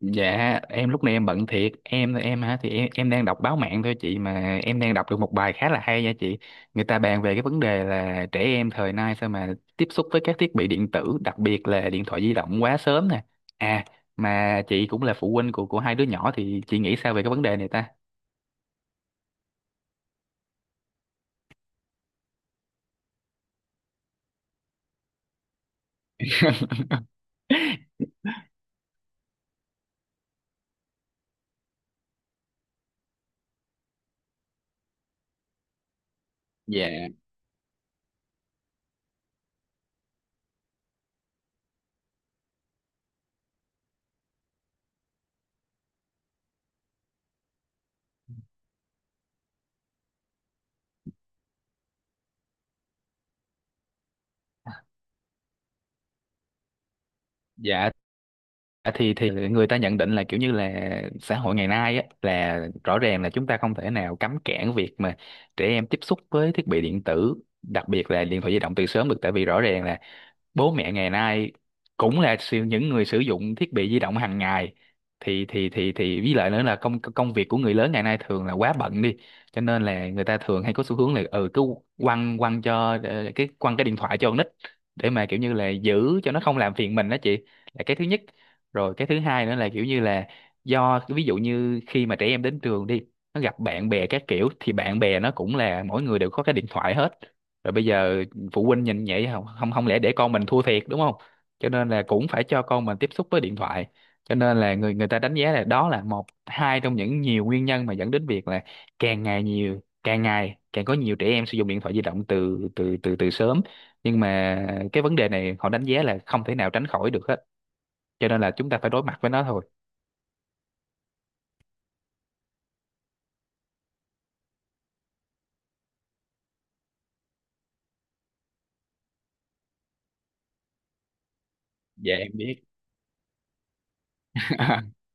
Dạ, em lúc này em bận thiệt, em hả, thì em đang đọc báo mạng thôi chị, mà em đang đọc được một bài khá là hay nha chị. Người ta bàn về cái vấn đề là trẻ em thời nay sao mà tiếp xúc với các thiết bị điện tử, đặc biệt là điện thoại di động, quá sớm nè. à mà chị cũng là phụ huynh của hai đứa nhỏ thì chị nghĩ sao về cái vấn đề này ta? Dạ, dạ. Thì người ta nhận định là kiểu như là xã hội ngày nay á, là rõ ràng là chúng ta không thể nào cấm cản việc mà trẻ em tiếp xúc với thiết bị điện tử, đặc biệt là điện thoại di động, từ sớm được. Tại vì rõ ràng là bố mẹ ngày nay cũng là những người sử dụng thiết bị di động hàng ngày. Thì với lại nữa là công công việc của người lớn ngày nay thường là quá bận đi, cho nên là người ta thường hay có xu hướng là ừ cứ quăng quăng cho ờ, cái quăng cái điện thoại cho con nít để mà kiểu như là giữ cho nó không làm phiền mình đó chị. Là cái thứ nhất. Rồi cái thứ hai nữa là kiểu như là do ví dụ như khi mà trẻ em đến trường đi, nó gặp bạn bè các kiểu, thì bạn bè nó cũng là mỗi người đều có cái điện thoại hết. Rồi bây giờ phụ huynh nhìn vậy, không không không lẽ để con mình thua thiệt đúng không, cho nên là cũng phải cho con mình tiếp xúc với điện thoại. Cho nên là người người ta đánh giá là đó là một hai trong những nhiều nguyên nhân mà dẫn đến việc là càng ngày nhiều càng ngày càng có nhiều trẻ em sử dụng điện thoại di động từ từ từ từ sớm. Nhưng mà cái vấn đề này họ đánh giá là không thể nào tránh khỏi được hết, cho nên là chúng ta phải đối mặt với nó thôi. Dạ em biết.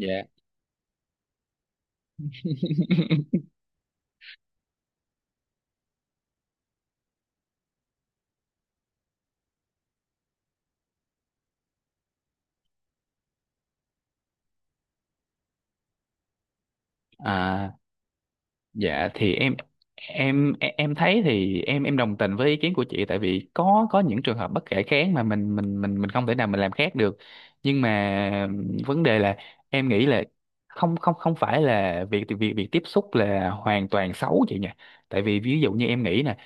Dạ. À. Dạ thì em thấy thì em đồng tình với ý kiến của chị. Tại vì có những trường hợp bất khả kháng mà mình không thể nào mình làm khác được. Nhưng mà vấn đề là em nghĩ là không không không phải là việc việc việc tiếp xúc là hoàn toàn xấu chị nhỉ. Tại vì ví dụ như em nghĩ nè,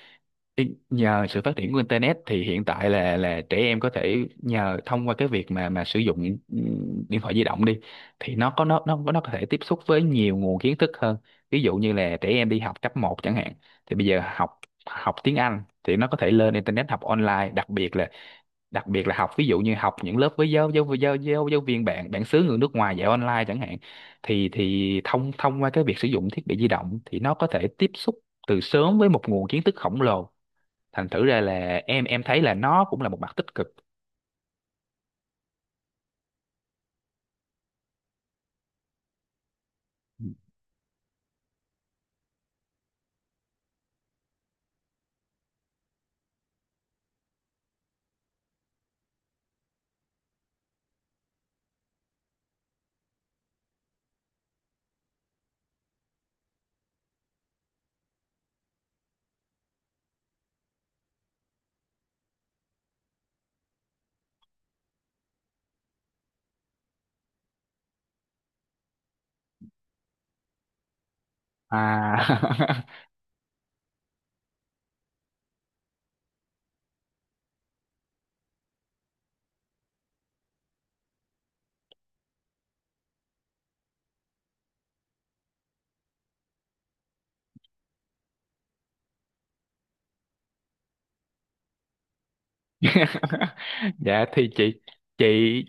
Nhờ sự phát triển của internet thì hiện tại là trẻ em có thể nhờ thông qua cái việc mà sử dụng điện thoại di động đi, thì nó có thể tiếp xúc với nhiều nguồn kiến thức hơn. Ví dụ như là trẻ em đi học cấp một chẳng hạn, thì bây giờ học học tiếng Anh thì nó có thể lên internet học online. Đặc biệt là đặc biệt là học ví dụ như học những lớp với giáo giáo giáo giáo, giáo viên bạn bản xứ người nước ngoài dạy online chẳng hạn, thì thông thông qua cái việc sử dụng thiết bị di động thì nó có thể tiếp xúc từ sớm với một nguồn kiến thức khổng lồ. Thành thử ra là em thấy là nó cũng là một mặt tích cực. À. Dạ thì chị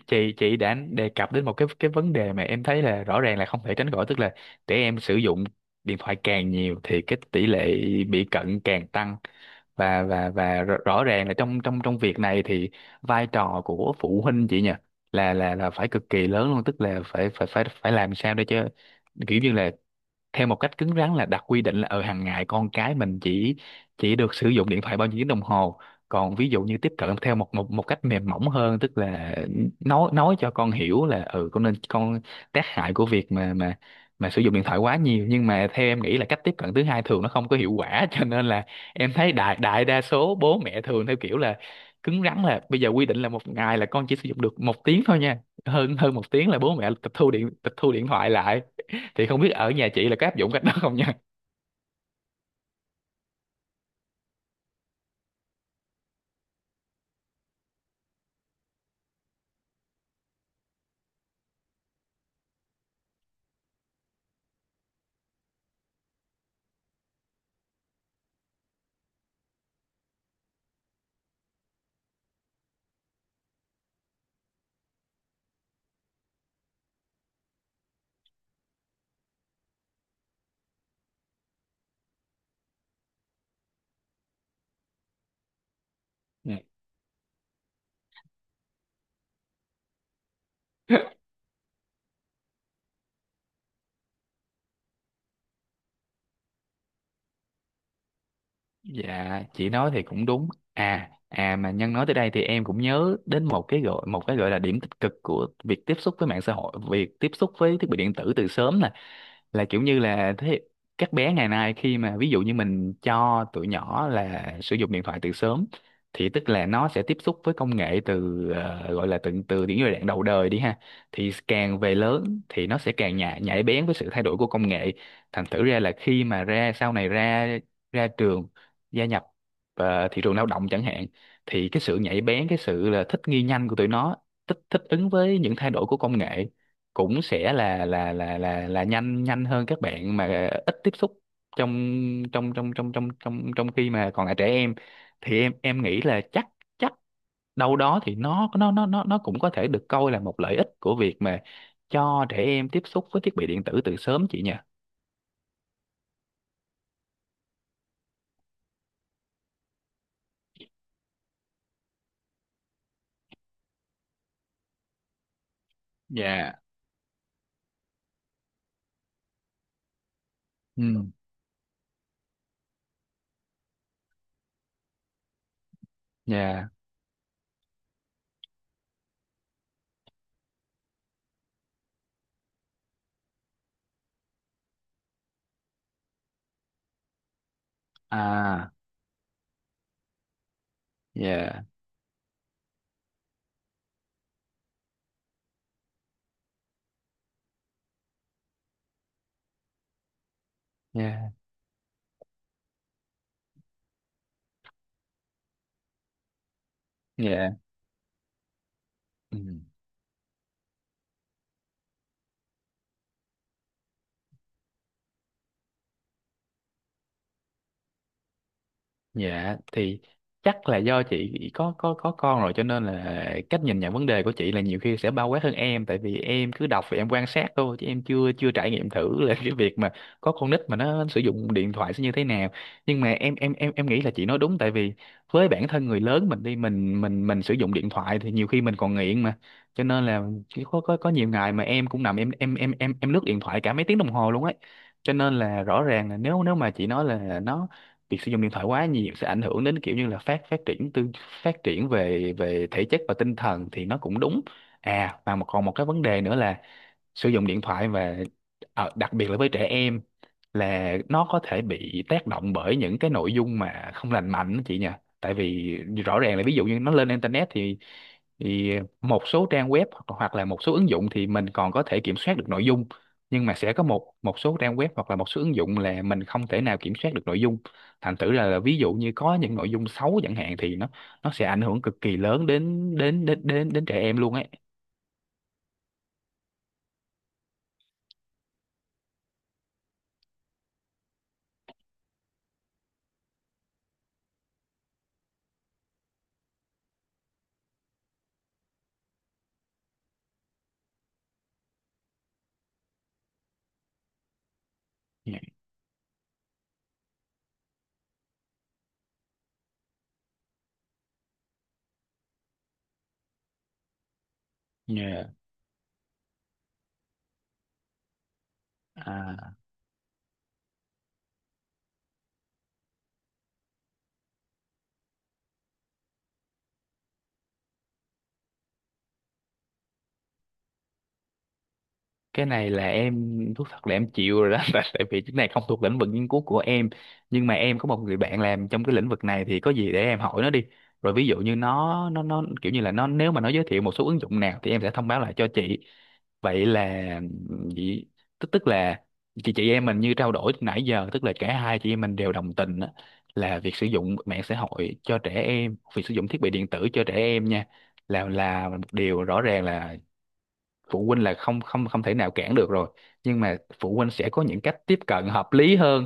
chị đã đề cập đến một cái vấn đề mà em thấy là rõ ràng là không thể tránh khỏi. Tức là trẻ em sử dụng điện thoại càng nhiều thì cái tỷ lệ bị cận càng tăng. Và và và rõ rõ ràng là trong trong trong việc này thì vai trò của phụ huynh, chị nhỉ, là phải cực kỳ lớn luôn. Tức là phải phải phải phải làm sao để cho, kiểu như là, theo một cách cứng rắn là đặt quy định là ở hàng ngày con cái mình chỉ được sử dụng điện thoại bao nhiêu tiếng đồng hồ. Còn ví dụ như tiếp cận theo một một một cách mềm mỏng hơn, tức là nói cho con hiểu là ừ con nên con tác hại của việc mà sử dụng điện thoại quá nhiều. Nhưng mà theo em nghĩ là cách tiếp cận thứ hai thường nó không có hiệu quả, cho nên là em thấy đại đại đa số bố mẹ thường theo kiểu là cứng rắn. Là bây giờ quy định là một ngày là con chỉ sử dụng được một tiếng thôi nha, hơn hơn một tiếng là bố mẹ tịch thu điện thoại lại. Thì không biết ở nhà chị là có áp dụng cách đó không nha. Dạ chị nói thì cũng đúng. À, à mà Nhân nói tới đây thì em cũng nhớ đến một cái gọi là điểm tích cực của việc tiếp xúc với mạng xã hội, việc tiếp xúc với thiết bị điện tử từ sớm nè. Là kiểu như là thế, các bé ngày nay khi mà ví dụ như mình cho tụi nhỏ là sử dụng điện thoại từ sớm, thì tức là nó sẽ tiếp xúc với công nghệ từ gọi là từ từ những giai đoạn đầu đời đi ha. Thì càng về lớn thì nó sẽ càng nhạy nhạy bén với sự thay đổi của công nghệ. Thành thử ra là khi mà ra sau này ra ra trường, gia nhập thị trường lao động chẳng hạn, thì cái sự nhạy bén, cái sự là thích nghi nhanh của tụi nó, thích thích ứng với những thay đổi của công nghệ, cũng sẽ là nhanh nhanh hơn các bạn mà ít tiếp xúc trong trong trong trong trong trong trong khi mà còn là trẻ em. Thì em nghĩ là chắc chắc đâu đó thì nó cũng có thể được coi là một lợi ích của việc mà cho trẻ em tiếp xúc với thiết bị điện tử từ sớm chị nhỉ. Dạ. Ừ. Dạ. À. Dạ. Dạ. Dạ. Ừ. Dạ thì chắc là do chị có có con rồi cho nên là cách nhìn nhận vấn đề của chị là nhiều khi sẽ bao quát hơn em. Tại vì em cứ đọc và em quan sát thôi chứ em chưa chưa trải nghiệm thử là cái việc mà có con nít mà nó sử dụng điện thoại sẽ như thế nào. Nhưng mà em nghĩ là chị nói đúng. Tại vì với bản thân người lớn mình đi, mình sử dụng điện thoại thì nhiều khi mình còn nghiện mà. Cho nên là chỉ có có nhiều ngày mà em cũng nằm em lướt điện thoại cả mấy tiếng đồng hồ luôn ấy. Cho nên là rõ ràng là nếu nếu mà chị nói là việc sử dụng điện thoại quá nhiều sẽ ảnh hưởng đến kiểu như là phát phát triển tư phát triển về về thể chất và tinh thần thì nó cũng đúng. À mà còn một cái vấn đề nữa là sử dụng điện thoại và đặc biệt là với trẻ em, là nó có thể bị tác động bởi những cái nội dung mà không lành mạnh đó chị nhỉ. Tại vì rõ ràng là ví dụ như nó lên internet, thì thì một số trang web hoặc hoặc là một số ứng dụng thì mình còn có thể kiểm soát được nội dung. Nhưng mà sẽ có một một số trang web hoặc là một số ứng dụng là mình không thể nào kiểm soát được nội dung. Thành thử là ví dụ như có những nội dung xấu chẳng hạn thì nó sẽ ảnh hưởng cực kỳ lớn đến đến đến đến đến trẻ em luôn ấy. Yeah. Yeah. Cái này là em thú thật là em chịu rồi đó. tại Tại vì cái này không thuộc lĩnh vực nghiên cứu của em. Nhưng mà em có một người bạn làm trong cái lĩnh vực này thì có gì để em hỏi nó đi. Rồi ví dụ như nó kiểu như là nó, nếu mà nó giới thiệu một số ứng dụng nào thì em sẽ thông báo lại cho chị. Vậy là vậy, tức tức là chị em mình như trao đổi từ nãy giờ, tức là cả hai chị em mình đều đồng tình á, là việc sử dụng mạng xã hội cho trẻ em, việc sử dụng thiết bị điện tử cho trẻ em nha, là một điều rõ ràng là phụ huynh là không không không thể nào cản được rồi. Nhưng mà phụ huynh sẽ có những cách tiếp cận hợp lý hơn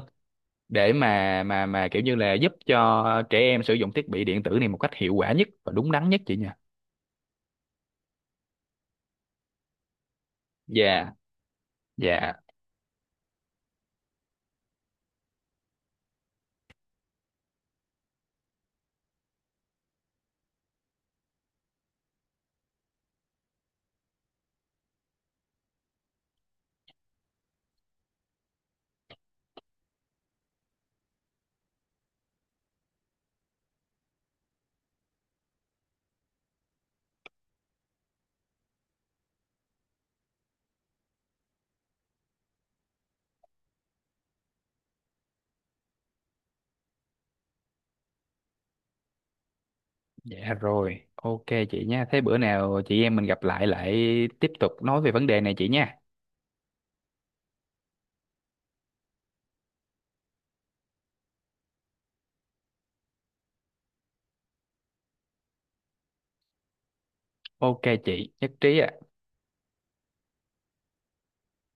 để mà kiểu như là giúp cho trẻ em sử dụng thiết bị điện tử này một cách hiệu quả nhất và đúng đắn nhất chị nha. Dạ. Dạ. Dạ rồi, ok chị nha. Thế bữa nào chị em mình gặp lại, lại tiếp tục nói về vấn đề này chị nha. Ok chị nhất trí ạ